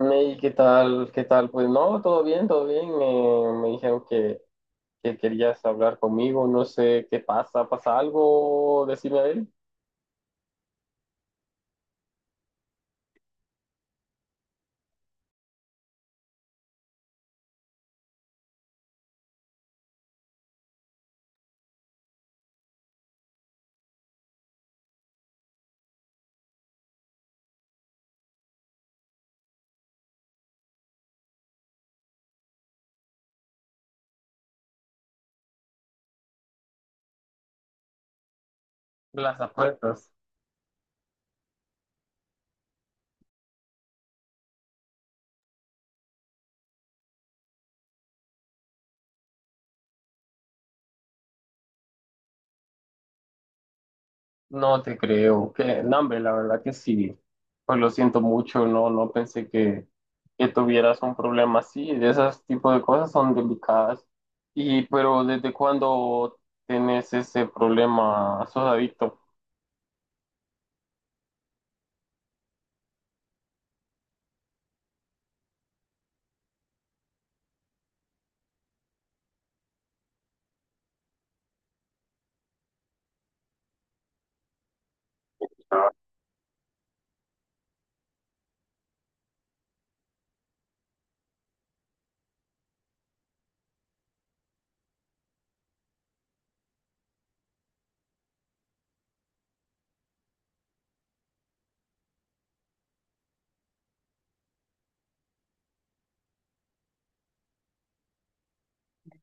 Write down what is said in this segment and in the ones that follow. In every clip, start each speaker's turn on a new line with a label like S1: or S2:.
S1: Ney, ¿qué tal? ¿Qué tal? Pues no, todo bien, todo bien. Me dijeron que querías hablar conmigo. No sé qué pasa. ¿Pasa algo? Decime a ver. Las apuestas. No te creo. Que, no, hombre, la verdad que sí. Pues lo siento mucho. No, no pensé que tuvieras un problema así. De esas tipo de cosas son delicadas. Y, pero ¿desde cuándo tienes ese problema? ¿Sos adicto?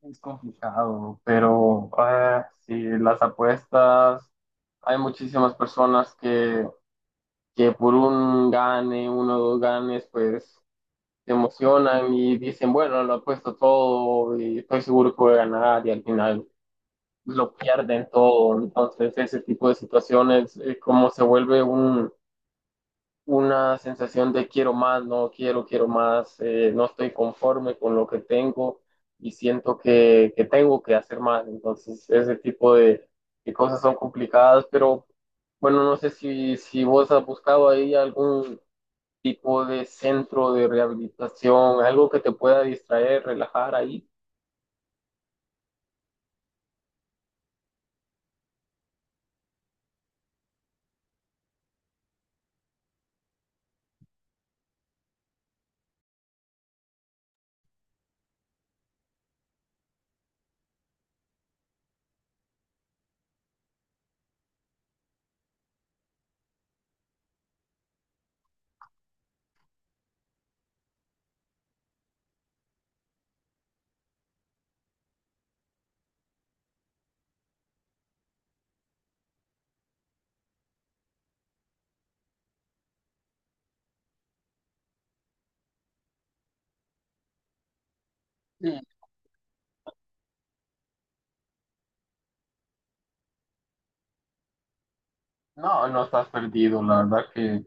S1: Es complicado, pero sí, las apuestas, hay muchísimas personas que por un gane, uno o dos ganes, pues se emocionan y dicen, bueno, lo apuesto todo y estoy seguro que voy a ganar y al final lo pierden todo. Entonces, ese tipo de situaciones, como se vuelve un, una sensación de quiero más, no quiero, quiero más, no estoy conforme con lo que tengo y siento que tengo que hacer más. Entonces, ese tipo de cosas son complicadas, pero bueno, no sé si, si vos has buscado ahí algún tipo de centro de rehabilitación, algo que te pueda distraer, relajar ahí. Sí. No, no estás perdido, la verdad que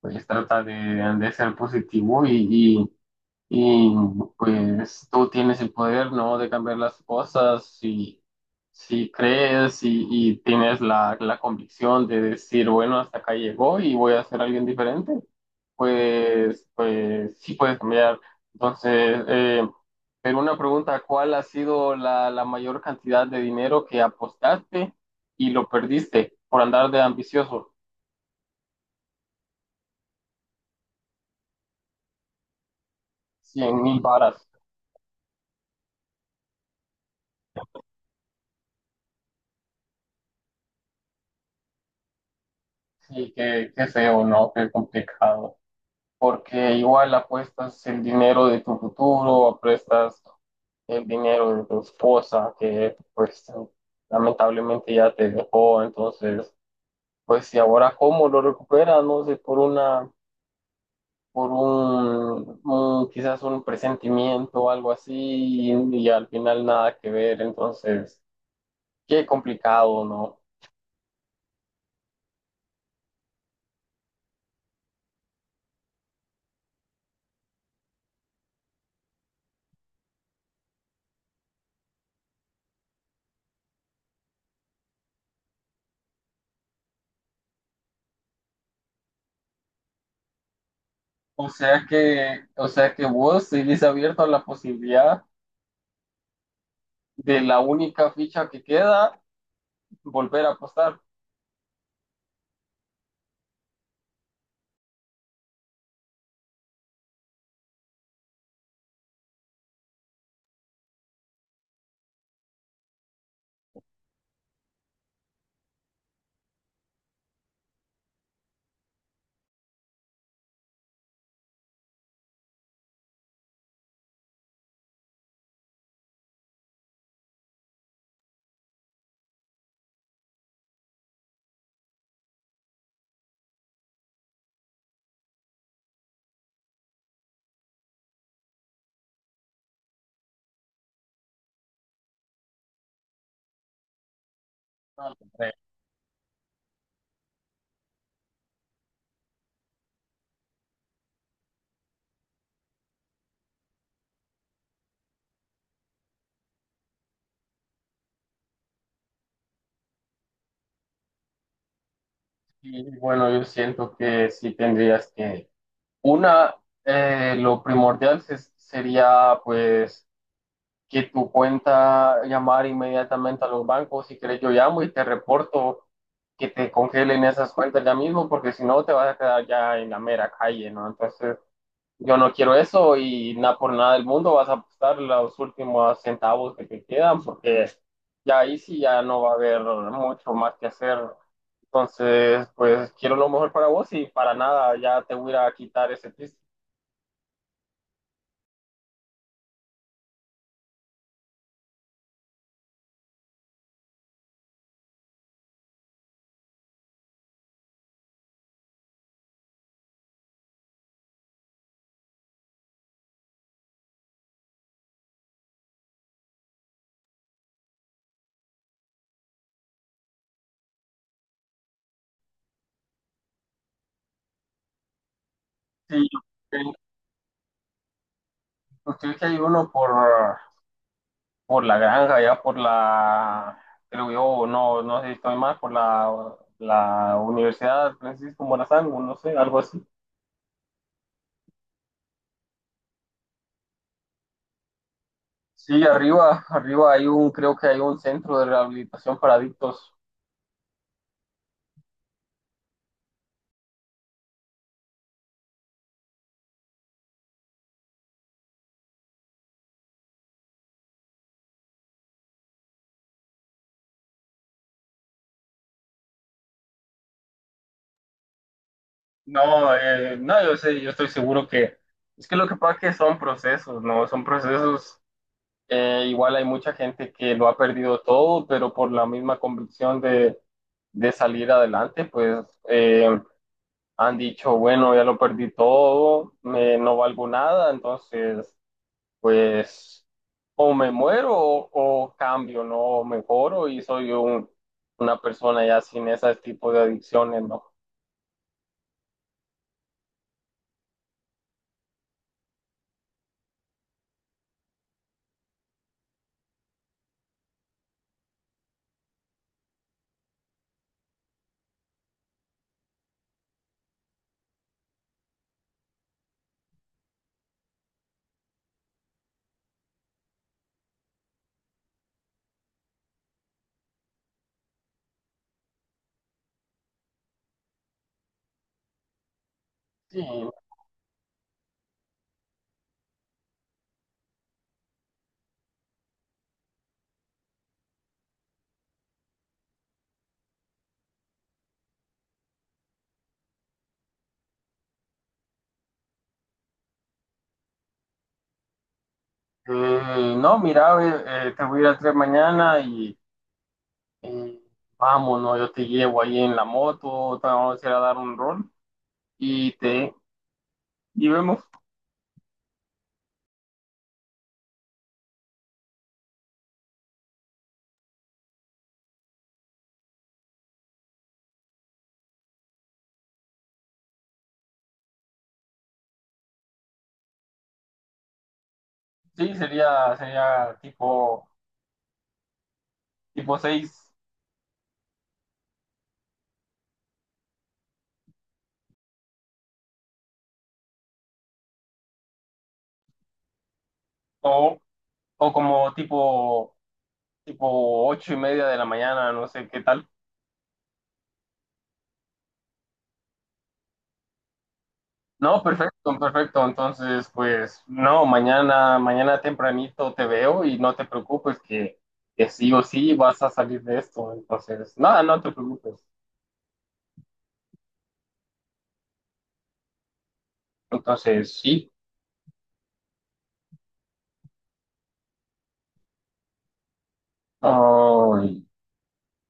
S1: pues trata de ser positivo y pues tú tienes el poder, ¿no? De cambiar las cosas si, si crees y tienes la, la convicción de decir, bueno, hasta acá llegó y voy a ser alguien diferente, pues, pues sí puedes cambiar. Entonces, pero una pregunta, ¿cuál ha sido la, la mayor cantidad de dinero que apostaste y lo perdiste por andar de ambicioso? 100.000 varas. Sí, qué, qué feo, ¿no? Qué complicado, porque igual apuestas el dinero de tu futuro, apuestas el dinero de tu esposa, que pues lamentablemente ya te dejó. Entonces, pues si ahora cómo lo recuperas, no sé, por una, por un- quizás un presentimiento o algo así, y al final nada que ver. Entonces, qué complicado, ¿no? O sea que vos seguís abierto a la posibilidad de la única ficha que queda, volver a apostar. Hombre, y bueno, yo siento que sí tendrías que, una, lo primordial se- sería pues que tu cuenta llamar inmediatamente a los bancos, si querés yo llamo y te reporto que te congelen esas cuentas ya mismo, porque si no te vas a quedar ya en la mera calle, ¿no? Entonces, yo no quiero eso y nada por nada del mundo vas a apostar los últimos centavos que te quedan porque ya ahí sí ya no va a haber mucho más que hacer. Entonces, pues quiero lo mejor para vos y para nada ya te voy a ir a quitar ese twist. Sí, usted que hay uno por la granja, ya por la, creo yo, no, no sé si estoy mal, por la, la Universidad Francisco Morazán, o no sé, algo así. Sí, arriba, arriba hay un, creo que hay un centro de rehabilitación para adictos. No, no, yo sé, yo estoy seguro que es que lo que pasa es que son procesos, ¿no? Son procesos, igual hay mucha gente que lo ha perdido todo, pero por la misma convicción de salir adelante, pues han dicho, bueno, ya lo perdí todo, me, no valgo nada. Entonces, pues o me muero o cambio, ¿no? O mejoro y soy un, una persona ya sin ese tipo de adicciones, ¿no? Sí, no, mira, te voy a ir a 3 mañana y vamos, ¿no? Yo te llevo ahí en la moto, te vamos a ir a dar un rol y te y vemos. Sí, sería, sería tipo, tipo 6 o, o como tipo, tipo 8:30 de la mañana, no sé qué tal. No, perfecto, perfecto. Entonces, pues, no, mañana, mañana tempranito te veo y no te preocupes que sí o sí vas a salir de esto. Entonces, nada, no te preocupes. Entonces, sí. Ay,